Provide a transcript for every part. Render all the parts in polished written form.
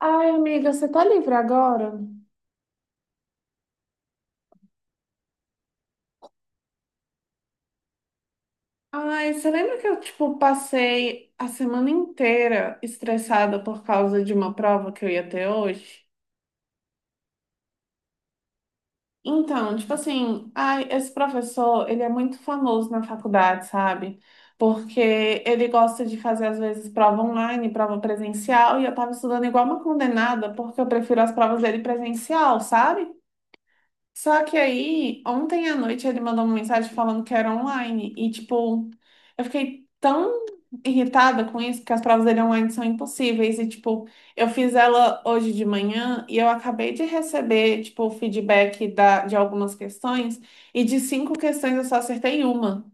Ai, amiga, você tá livre agora? Ai, você lembra que eu, tipo, passei a semana inteira estressada por causa de uma prova que eu ia ter hoje? Então, tipo assim, ai, esse professor, ele é muito famoso na faculdade, sabe? Porque ele gosta de fazer, às vezes, prova online, prova presencial, e eu tava estudando igual uma condenada, porque eu prefiro as provas dele presencial, sabe? Só que aí, ontem à noite ele mandou uma mensagem falando que era online. E, tipo, eu fiquei tão irritada com isso, porque as provas dele online são impossíveis. E, tipo, eu fiz ela hoje de manhã e eu acabei de receber, tipo, o feedback de algumas questões. E de cinco questões eu só acertei uma.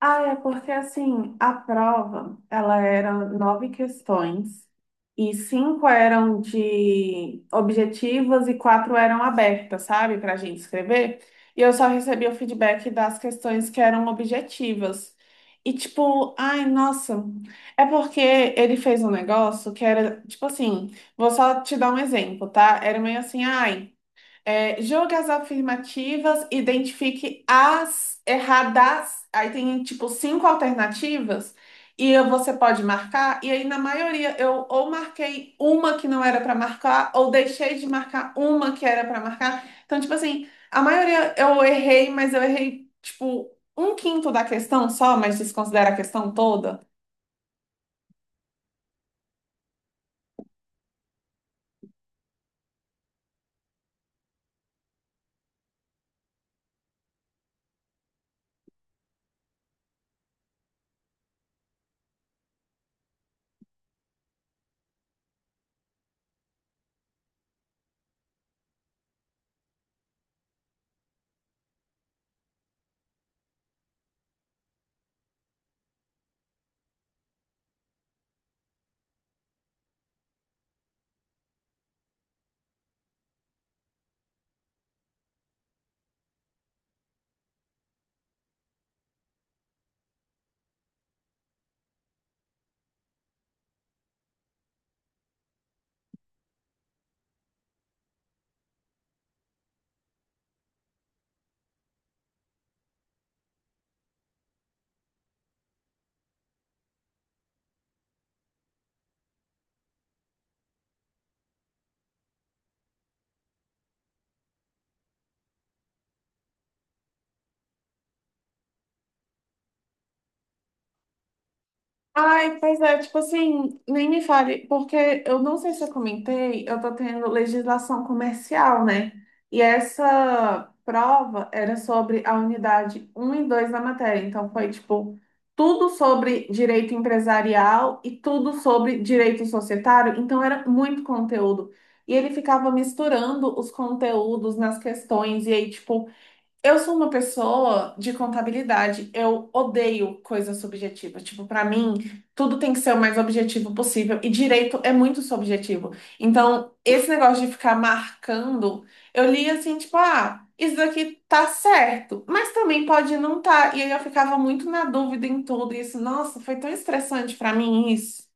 Ah, é porque assim, a prova, ela era nove questões e cinco eram de objetivas e quatro eram abertas, sabe, para a gente escrever. E eu só recebia o feedback das questões que eram objetivas. E tipo, ai, nossa, é porque ele fez um negócio que era, tipo assim, vou só te dar um exemplo, tá? Era meio assim, ai. É, julgue as afirmativas, identifique as erradas. Aí tem tipo cinco alternativas e você pode marcar. E aí, na maioria, eu ou marquei uma que não era para marcar, ou deixei de marcar uma que era para marcar. Então, tipo assim, a maioria eu errei, mas eu errei tipo um quinto da questão só, mas desconsidera a questão toda. Ai, pois é, tipo assim, nem me fale, porque eu não sei se eu comentei, eu tô tendo legislação comercial, né? E essa prova era sobre a unidade um e 2 da matéria, então foi tipo tudo sobre direito empresarial e tudo sobre direito societário, então era muito conteúdo. E ele ficava misturando os conteúdos nas questões, e aí, tipo, eu sou uma pessoa de contabilidade. Eu odeio coisas subjetivas. Tipo, pra mim, tudo tem que ser o mais objetivo possível. E direito é muito subjetivo. Então, esse negócio de ficar marcando, eu li assim, tipo, ah, isso daqui tá certo, mas também pode não tá. E aí eu ficava muito na dúvida em tudo. E isso, nossa, foi tão estressante pra mim isso.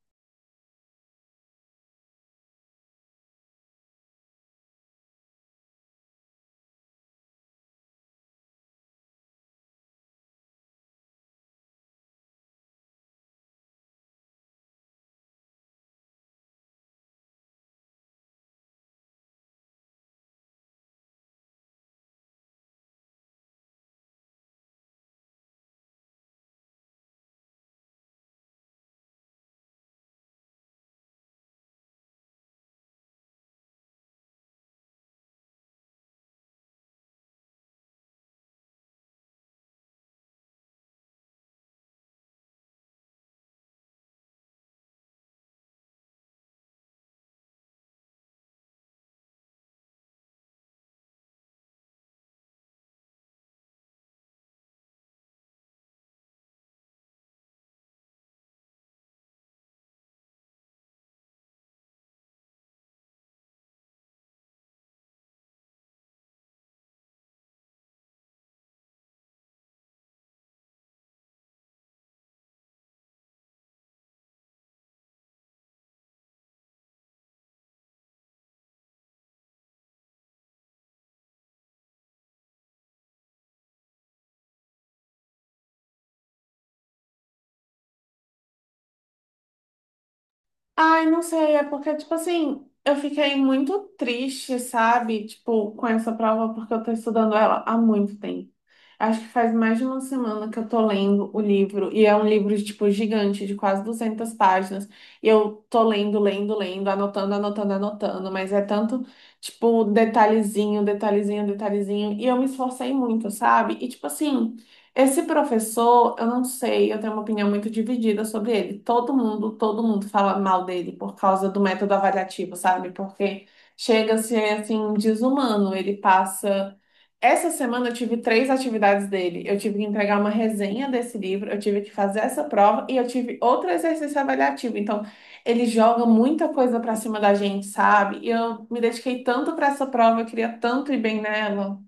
Ai, não sei, é porque, tipo assim, eu fiquei muito triste, sabe? Tipo, com essa prova, porque eu tô estudando ela há muito tempo. Acho que faz mais de uma semana que eu tô lendo o livro, e é um livro, tipo, gigante, de quase 200 páginas. E eu tô lendo, lendo, lendo, anotando, anotando, anotando, mas é tanto, tipo, detalhezinho, detalhezinho, detalhezinho. E eu me esforcei muito, sabe? E, tipo assim, esse professor, eu não sei, eu tenho uma opinião muito dividida sobre ele. Todo mundo fala mal dele por causa do método avaliativo, sabe? Porque chega a ser, assim, desumano. Ele passa. Essa semana eu tive 3 atividades dele. Eu tive que entregar uma resenha desse livro, eu tive que fazer essa prova e eu tive outro exercício avaliativo. Então, ele joga muita coisa pra cima da gente, sabe? E eu me dediquei tanto pra essa prova, eu queria tanto ir bem nela.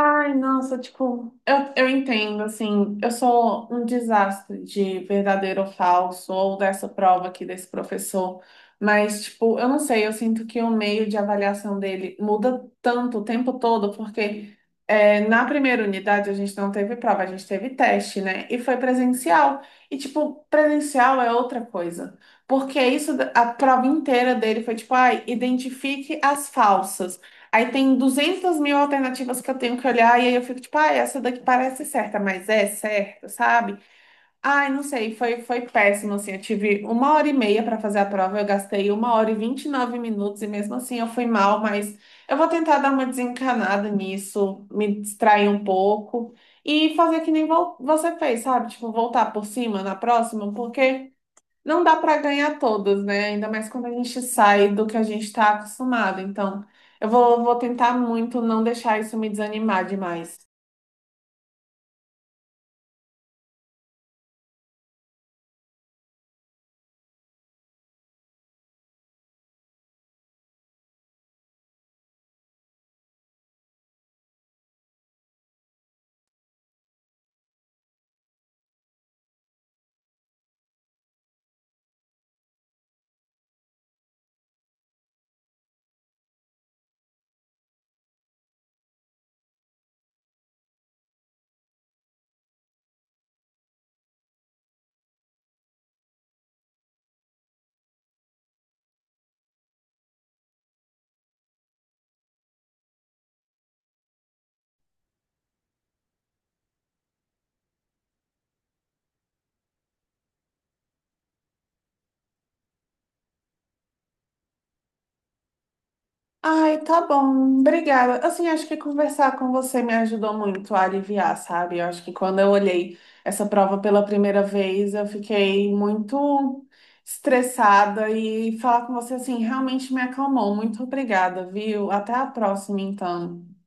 Ai, nossa, tipo, eu entendo, assim, eu sou um desastre de verdadeiro ou falso, ou dessa prova aqui desse professor, mas, tipo, eu não sei, eu sinto que o meio de avaliação dele muda tanto o tempo todo, porque é, na primeira unidade a gente não teve prova, a gente teve teste, né? E foi presencial. E, tipo, presencial é outra coisa, porque isso, a prova inteira dele foi, tipo, ai, identifique as falsas. Aí tem 200 mil alternativas que eu tenho que olhar, e aí eu fico tipo, ah, essa daqui parece certa, mas é certa, sabe? Ai, não sei, foi, foi péssimo, assim, eu tive 1 hora e meia para fazer a prova, eu gastei 1 hora e 29 minutos, e mesmo assim eu fui mal, mas eu vou, tentar dar uma desencanada nisso, me distrair um pouco, e fazer que nem você fez, sabe? Tipo, voltar por cima na próxima, porque... Não dá para ganhar todas, né? Ainda mais quando a gente sai do que a gente está acostumado. Então, eu vou, vou tentar muito não deixar isso me desanimar demais. Ai, tá bom. Obrigada. Assim, acho que conversar com você me ajudou muito a aliviar, sabe? Eu acho que quando eu olhei essa prova pela primeira vez, eu fiquei muito estressada e falar com você assim realmente me acalmou. Muito obrigada, viu? Até a próxima, então.